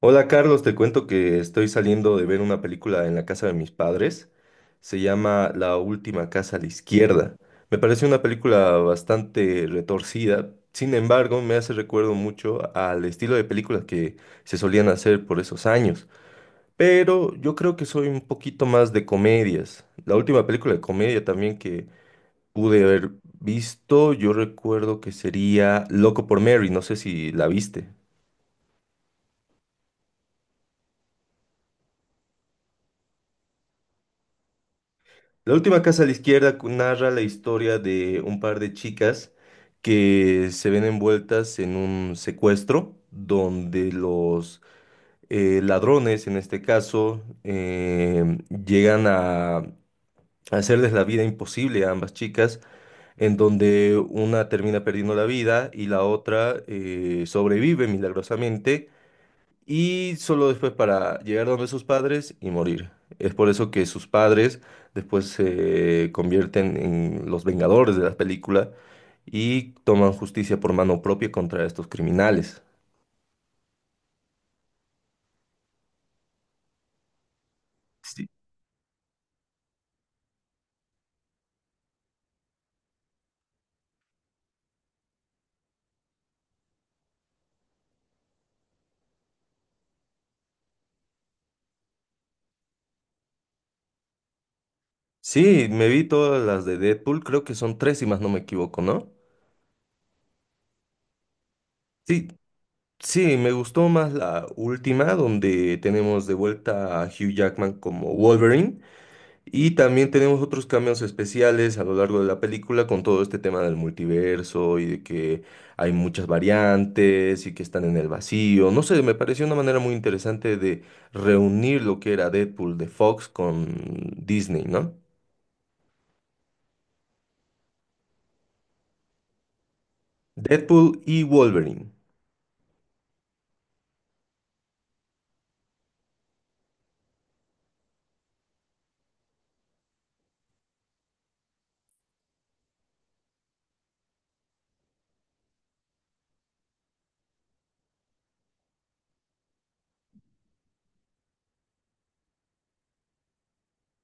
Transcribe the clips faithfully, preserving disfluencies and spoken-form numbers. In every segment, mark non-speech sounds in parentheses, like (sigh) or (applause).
Hola Carlos, te cuento que estoy saliendo de ver una película en la casa de mis padres. Se llama La última casa a la izquierda. Me parece una película bastante retorcida. Sin embargo, me hace recuerdo mucho al estilo de películas que se solían hacer por esos años. Pero yo creo que soy un poquito más de comedias. La última película de comedia también que pude haber visto, yo recuerdo que sería Loco por Mary. No sé si la viste. La última casa a la izquierda cu- narra la historia de un par de chicas que se ven envueltas en un secuestro donde los eh, ladrones, en este caso, em, llegan a hacerles la vida imposible a ambas chicas, en donde una termina perdiendo la vida y la otra eh, sobrevive milagrosamente y solo después para llegar donde sus padres y morir. Es por eso que sus padres después se convierten en los vengadores de la película y toman justicia por mano propia contra estos criminales. Sí, sí, me vi todas las de Deadpool, creo que son tres si más no me equivoco, ¿no? Sí, sí, me gustó más la última donde tenemos de vuelta a Hugh Jackman como Wolverine. Y también tenemos otros cambios especiales a lo largo de la película con todo este tema del multiverso y de que hay muchas variantes y que están en el vacío. No sé, me pareció una manera muy interesante de reunir lo que era Deadpool de Fox con Disney, ¿no? Deadpool y Wolverine.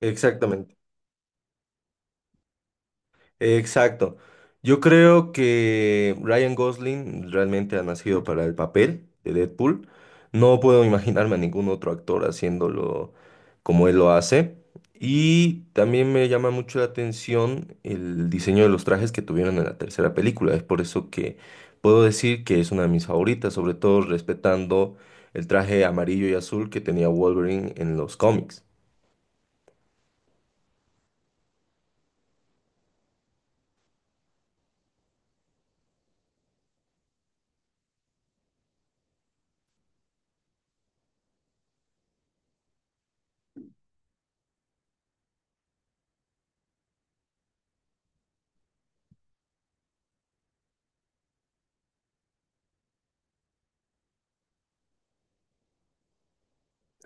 Exactamente. Exacto. Yo creo que Ryan Gosling realmente ha nacido para el papel de Deadpool. No puedo (laughs) imaginarme a ningún otro actor haciéndolo como él lo hace. Y también me llama mucho la atención el diseño de los trajes que tuvieron en la tercera película. Es por eso que puedo decir que es una de mis favoritas, sobre todo respetando el traje amarillo y azul que tenía Wolverine en los cómics.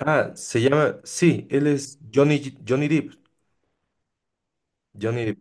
Ah, se llama, sí, él es Johnny, Johnny Depp. Johnny Depp.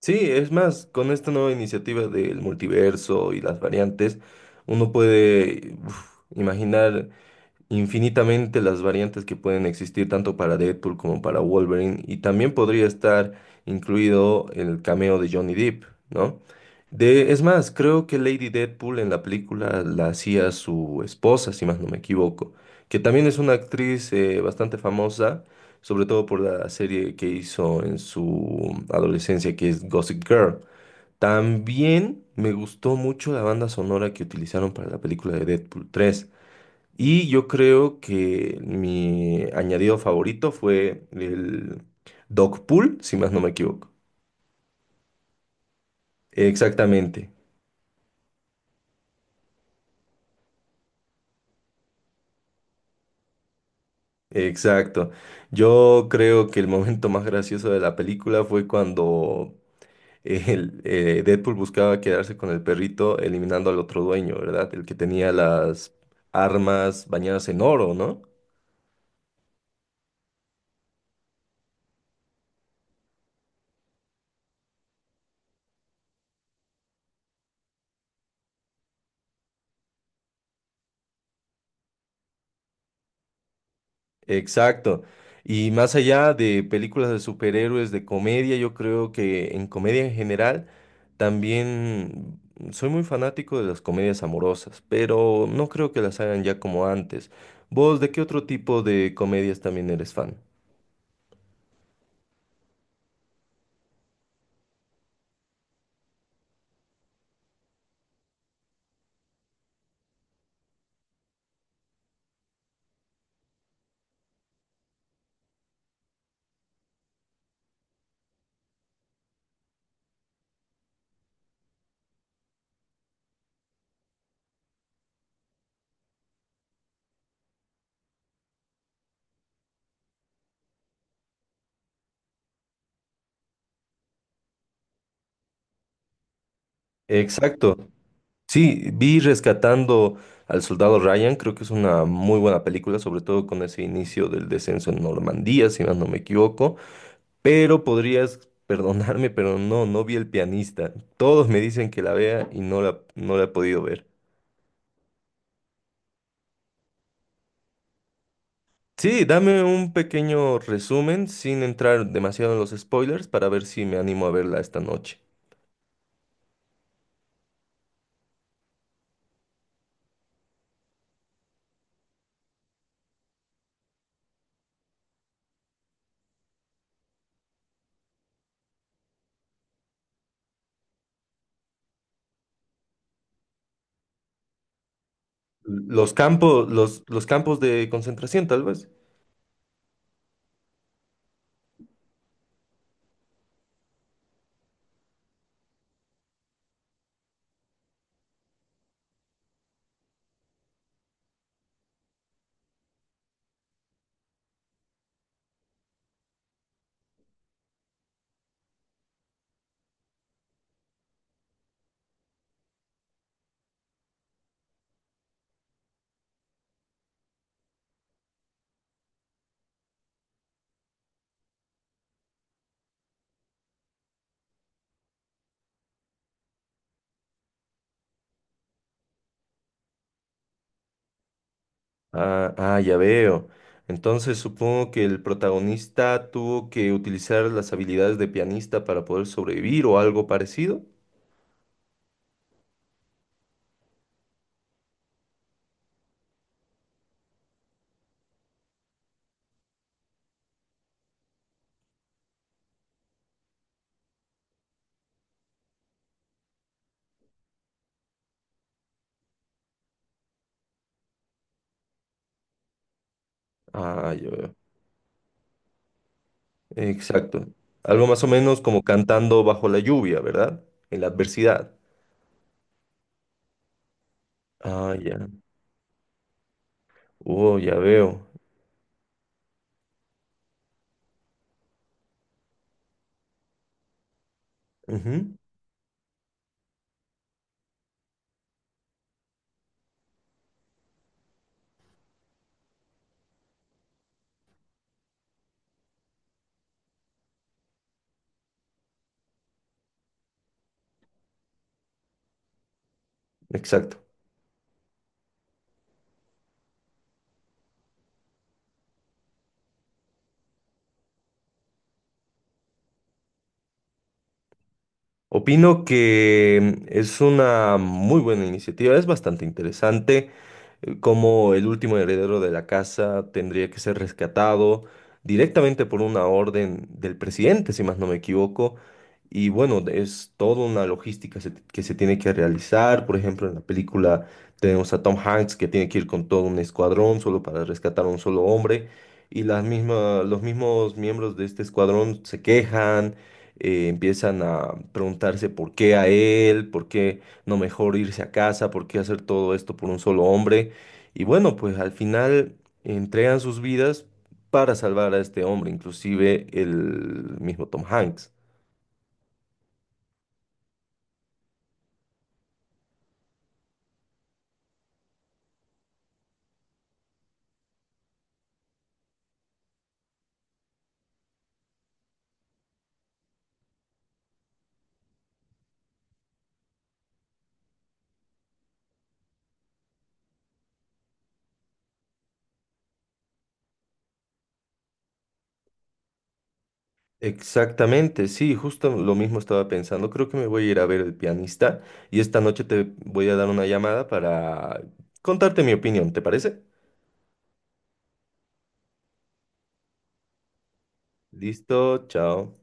Sí, es más, con esta nueva iniciativa del multiverso y las variantes, uno puede uf, imaginar infinitamente las variantes que pueden existir tanto para Deadpool como para Wolverine y también podría estar incluido el cameo de Johnny Depp, ¿no? De, es más, creo que Lady Deadpool en la película la hacía su esposa, si más no me equivoco, que también es una actriz eh, bastante famosa, sobre todo por la serie que hizo en su adolescencia, que es Gossip Girl. También me gustó mucho la banda sonora que utilizaron para la película de Deadpool tres. Y yo creo que mi añadido favorito fue el dog pool, si más no me equivoco. Exactamente, exacto. Yo creo que el momento más gracioso de la película fue cuando el, eh, Deadpool buscaba quedarse con el perrito eliminando al otro dueño, ¿verdad? El que tenía las armas bañadas en oro, ¿no? Exacto. Y más allá de películas de superhéroes, de comedia, yo creo que en comedia en general también soy muy fanático de las comedias amorosas, pero no creo que las hagan ya como antes. ¿Vos de qué otro tipo de comedias también eres fan? Exacto. Sí, vi Rescatando al Soldado Ryan, creo que es una muy buena película, sobre todo con ese inicio del descenso en Normandía, si más no me equivoco. Pero podrías perdonarme, pero no, no vi el pianista. Todos me dicen que la vea y no la, no la he podido ver. Sí, dame un pequeño resumen sin entrar demasiado en los spoilers para ver si me animo a verla esta noche. Los campos, los, los campos de concentración, tal vez. Ah, ah, ya veo. Entonces supongo que el protagonista tuvo que utilizar las habilidades de pianista para poder sobrevivir o algo parecido. Ah, ya veo. Exacto. Algo más o menos como cantando bajo la lluvia, ¿verdad? En la adversidad. Ah, ya. Oh, ya veo. Ujú. Exacto. Opino que es una muy buena iniciativa, es bastante interesante, como el último heredero de la casa tendría que ser rescatado directamente por una orden del presidente, si más no me equivoco. Y bueno, es toda una logística se- que se tiene que realizar. Por ejemplo, en la película tenemos a Tom Hanks que tiene que ir con todo un escuadrón solo para rescatar a un solo hombre. Y las misma- los mismos miembros de este escuadrón se quejan, eh, empiezan a preguntarse por qué a él, por qué no mejor irse a casa, por qué hacer todo esto por un solo hombre. Y bueno, pues al final entregan sus vidas para salvar a este hombre, inclusive el mismo Tom Hanks. Exactamente, sí, justo lo mismo estaba pensando. Creo que me voy a ir a ver el pianista y esta noche te voy a dar una llamada para contarte mi opinión, ¿te parece? Listo, chao.